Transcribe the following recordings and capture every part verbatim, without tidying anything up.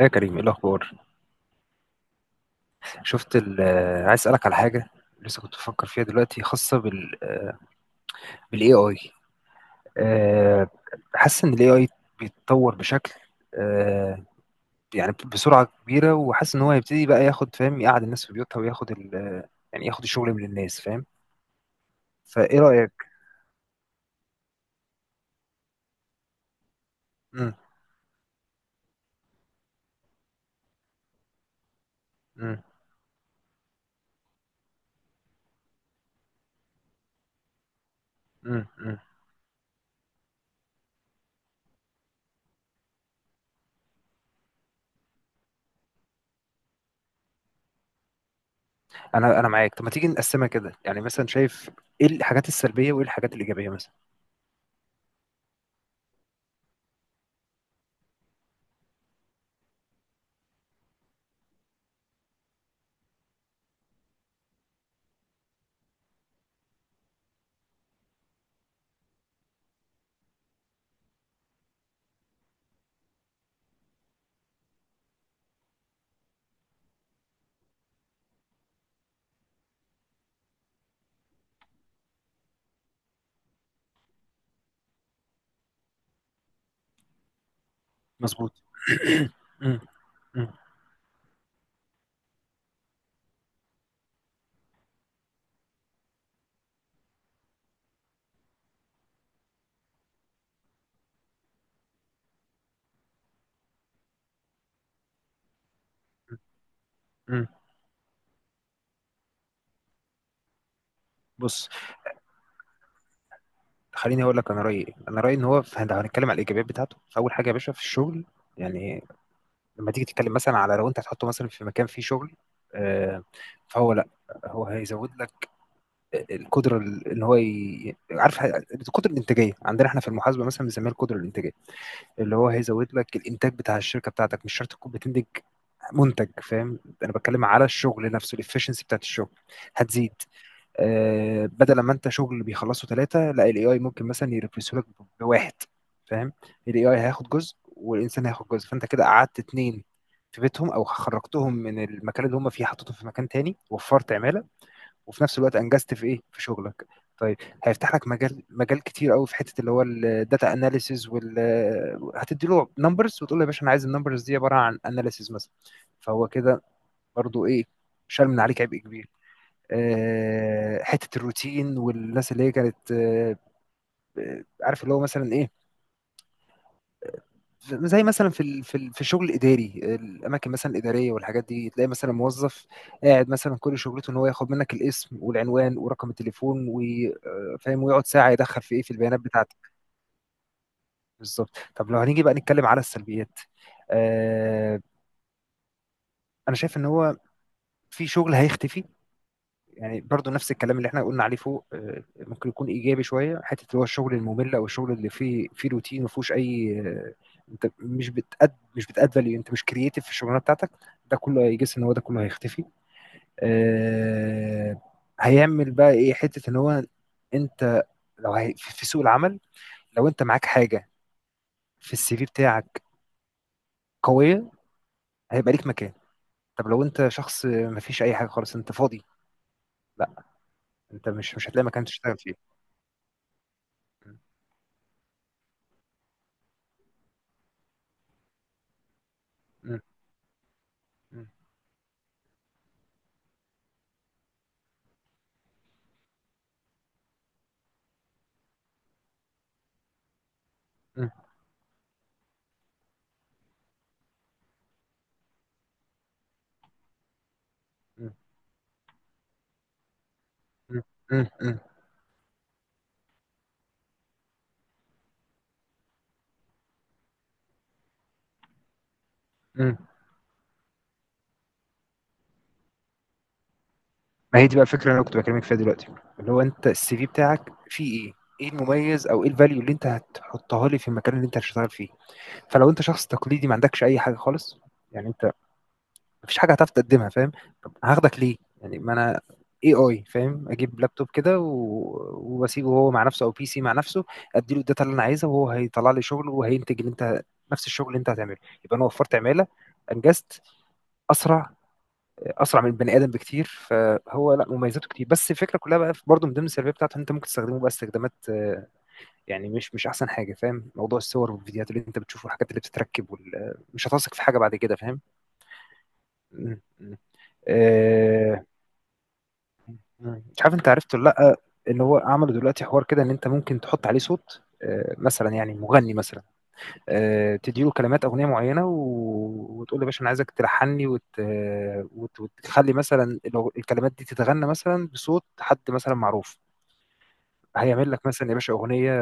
يا كريم، ايه الاخبار؟ شفت ال- آه، عايز اسالك على حاجه. لسه كنت بفكر فيها دلوقتي، خاصه بال بالاي اي. أه حاسس ان الاي اي بيتطور بشكل، آه، يعني بسرعه كبيره، وحاسس ان هو هيبتدي بقى ياخد، فاهم، يقعد الناس في بيوتها، وياخد ال آه، يعني ياخد الشغل من الناس، فاهم. فايه رايك؟ مم. مم. مم. مم. انا انا معاك. طب ما تيجي نقسمها كده، يعني مثلا شايف ايه الحاجات السلبيه وايه الحاجات الايجابيه مثلا. مظبوط. مم. مم. مم. بص، خليني اقول لك انا رايي إيه. انا رايي ان هو، ف- لو هنتكلم على الايجابيات بتاعته، فاول حاجه يا باشا في الشغل، يعني لما تيجي تتكلم مثلا على، لو انت هتحطه مثلا في مكان فيه شغل، آه، فهو، لا، هو هيزود لك القدره، ال- ان هو ي... عارف، ه- القدره الانتاجيه، عندنا احنا في المحاسبه مثلا بنسميها القدره الانتاجيه، اللي هو هيزود لك الانتاج بتاع الشركه بتاعتك. مش شرط تكون بتنتج منتج، فاهم. انا بتكلم على الشغل نفسه، الافشنسي بتاعت الشغل هتزيد. آه، بدل ما انت شغل بيخلصه ثلاثة، لا، الاي اي ممكن مثلا يرفسه لك بواحد، فاهم. الاي اي هياخد جزء والانسان هياخد جزء، فانت كده قعدت اتنين في بيتهم، او خرجتهم من المكان اللي هم فيه حطيتهم في مكان تاني، وفرت عمالة، وفي نفس الوقت انجزت في ايه، في شغلك. طيب، هيفتح لك مجال، مجال كتير قوي في حته اللي هو الداتا اناليسيز، وال هتدي له نمبرز، وتقول له يا باشا انا عايز النمبرز دي عباره عن اناليسيز مثلا، فهو كده برضو ايه، شال من عليك عبء كبير. آه، حته الروتين والناس اللي هي كانت، آه، آه، عارف اللي هو مثلا ايه، زي مثلا في ال- في ال- في الشغل الاداري، الاماكن مثلا الاداريه والحاجات دي، تلاقي مثلا موظف قاعد مثلا كل شغلته ان هو ياخد منك الاسم والعنوان ورقم التليفون، وفاهم، ويقعد ساعه يدخل في ايه، في البيانات بتاعتك. بالظبط. طب لو هنيجي بقى نتكلم على السلبيات، آه، انا شايف ان هو في شغل هيختفي. يعني برضو نفس الكلام اللي احنا قلنا عليه فوق، آه، ممكن يكون ايجابي شويه، حته اللي هو الشغل الممل او الشغل اللي فيه فيه روتين، ما فيهوش اي، آه، انت مش بتأد مش بتأد فاليو، انت مش كرييتيف في الشغلانه بتاعتك، ده كله هيجس ان هو ده كله هيختفي. آه، هيعمل بقى ايه، حته ان هو، انت لو هي في في سوق العمل، لو انت معاك حاجه في السي في بتاعك قويه، هيبقى ليك مكان. طب لو انت شخص ما فيش اي حاجه خالص، انت فاضي، لا، انت مش مش هتلاقي مكان تشتغل فيه. م- م- م- م- مم. مم. مم. مم. ما هي دي بقى الفكره اللي انا كنت بكلمك فيها دلوقتي، اللي هو، انت السي في بتاعك فيه ايه؟ ايه المميز او ايه الفاليو اللي انت هتحطها لي في المكان اللي انت هتشتغل فيه؟ فلو انت شخص تقليدي ما عندكش اي حاجه خالص، يعني انت مفيش حاجه هتعرف تقدمها، فاهم؟ طب هاخدك ليه؟ يعني ما انا اي اي، فاهم؟ اجيب لابتوب كده و- واسيبه هو مع نفسه، او بي سي مع نفسه. اديله الداتا اللي انا عايزها وهو هيطلع لي شغل وهينتج اللي انت، نفس الشغل اللي انت هتعمله. يبقى انا وفرت عماله، انجزت اسرع، اسرع من البني ادم بكتير. فهو، لا، مميزاته كتير. بس الفكره كلها بقى، في- برضه من ضمن السلبيه بتاعته، إن انت ممكن تستخدمه بقى استخدامات، آه، يعني مش مش احسن حاجه، فاهم. موضوع الصور والفيديوهات اللي انت بتشوفه والحاجات اللي بتتركب وال- آه، مش هتثق في حاجه بعد كده، فاهم. م- م. آه، مش عارف انت عرفت ولا لا، ان هو عملوا دلوقتي حوار كده، ان انت ممكن تحط عليه صوت، آه، مثلا يعني مغني مثلا، آه، تديله كلمات اغنيه معينه، و... وتقول له يا باشا انا عايزك تلحني وت... وت... وتخلي مثلا، لو الكلمات دي تتغنى مثلا بصوت حد مثلا معروف، هيعمل لك مثلا يا باشا اغنيه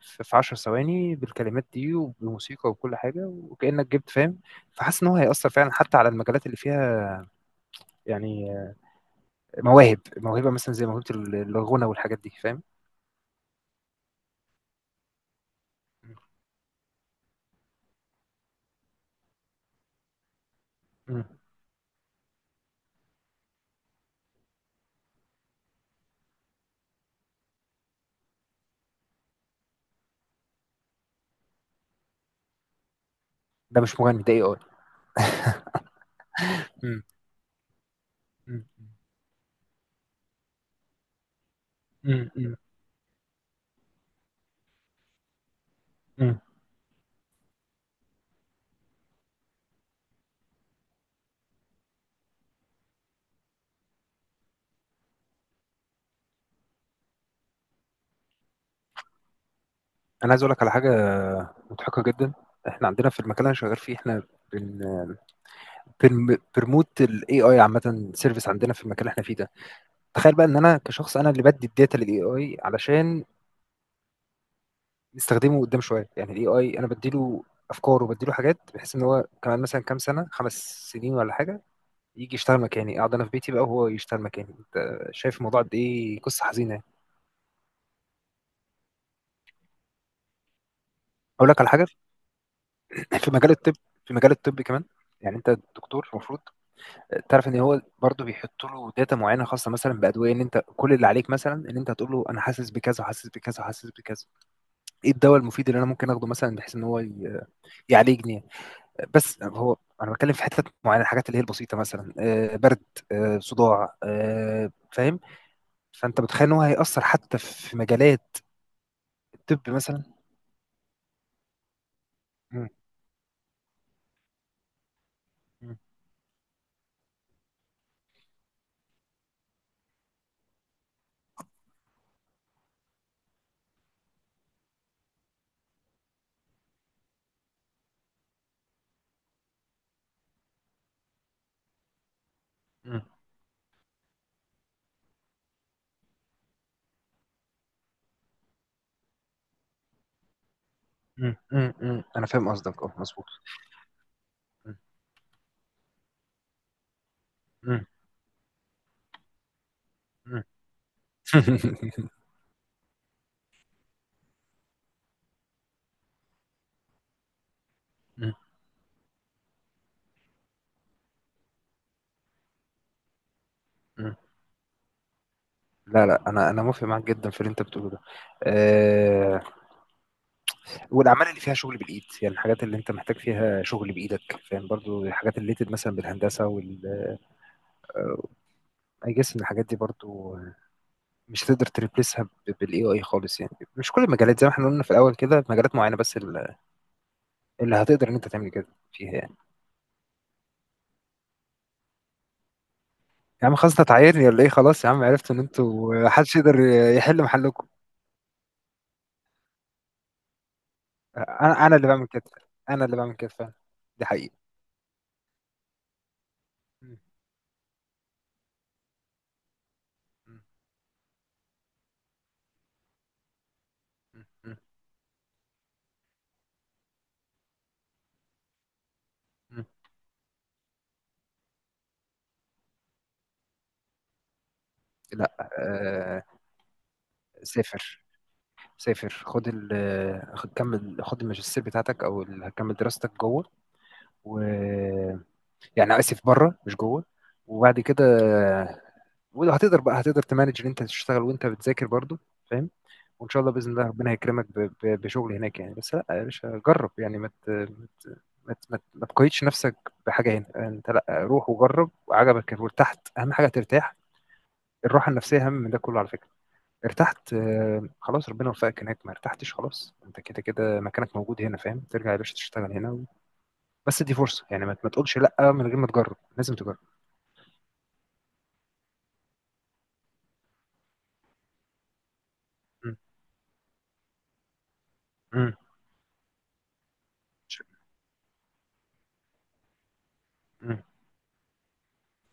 في في عشر ثواني، بالكلمات دي وبموسيقى وكل حاجه، وكانك جبت، فاهم. فحاسس ان هو هيأثر فعلا حتى على المجالات اللي فيها، يعني آه، مواهب موهبه مثلا، زي موهبه ال- الغنى والحاجات دي، فاهم. مم. ده مش مغني، ده اي اي. انا عايز اقول لك على حاجه مضحكه جدا. احنا عندنا في المكان اللي انا شغال فيه، احنا بن بن- بنرموت الاي اي، عامه سيرفيس، عندنا في المكان اللي احنا فيه ده. تخيل بقى ان انا كشخص، انا اللي بدي الداتا للاي اي علشان نستخدمه قدام شويه، يعني الاي اي انا بديله افكار وبديله حاجات، بحيث ان هو كمان مثلا كام سنه، خمس سنين ولا حاجه، يجي يشتغل مكاني، اقعد انا في بيتي بقى وهو يشتغل مكاني. انت شايف الموضوع قد ايه؟ قصه حزينه يعني. اقول لك على حاجه، في مجال الطب، في مجال الطب كمان، يعني انت دكتور المفروض تعرف ان هو برضو بيحط له داتا معينه خاصه مثلا بادويه، ان انت كل اللي عليك مثلا ان انت هتقول له انا حاسس بكذا، حاسس بكذا، حاسس بكذا، ايه الدواء المفيد اللي انا ممكن اخده مثلا، بحيث ان هو ي- يعالجني يعني. بس هو انا بتكلم في حتت معينه، الحاجات اللي هي البسيطه مثلا، آه، برد، آه، صداع، آه، فاهم. فانت متخيل ان هو هيأثر حتى في مجالات الطب مثلا. مم، مم، مم، مم، مم، مم. انا فاهم قصدك. اه، مظبوط. مم، مم، مم. مم، مم. لا، لا، انا انا موافق معاك جدا في اللي انت بتقوله ده. أه والاعمال اللي فيها شغل بالايد، يعني الحاجات اللي انت محتاج فيها شغل بايدك، فاهم، برضو الحاجات اللي ليتد مثلا بالهندسه وال اي، جس ان الحاجات دي برضو مش هتقدر تريبليسها بالاي اي خالص. يعني مش كل المجالات، زي ما احنا قلنا في الاول كده، مجالات معينه بس ال- اللي هتقدر ان انت تعمل كده فيها يعني. يا عم خلاص، انت تعايرني ولا ايه؟ خلاص يا عم، عرفت ان انتوا محدش يقدر يحل محلكم. انا انا اللي بعمل كده، انا اللي بعمل كده فعلا، دي حقيقه. م- م- م- م- لا، آه سافر، سافر، خد ال خد كمل خد الماجستير بتاعتك، او ال- كمل دراستك جوه، و، يعني، اسف بره مش جوه، وبعد كده، ولو هتقدر بقى هتقدر تمانج ان انت تشتغل وانت بتذاكر برضو، فاهم. وان شاء الله باذن الله ربنا هيكرمك ب- ب- بشغل هناك يعني. بس لا يا باشا جرب يعني، ما ت- ما ت- ما ت- ما تقيدش نفسك بحاجه هنا. انت لا، روح وجرب وعجبك وارتحت، اهم حاجه ترتاح. الراحه النفسيه اهم من ده كله على فكره. ارتحت، آه، خلاص، ربنا وفقك هناك. ما ارتحتش، خلاص، انت كده كده مكانك موجود هنا، فاهم، ترجع يا باشا تشتغل هنا و. بس دي فرصه يعني، ما, ما تقولش لا من غير ما تجرب، لازم تجرب. م- م- ش- م-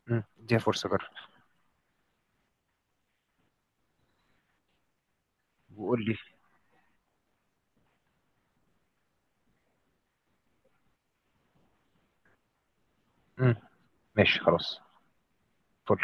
م. دي فرصه، جرب، وقول لي. م. ماشي خلاص. فل.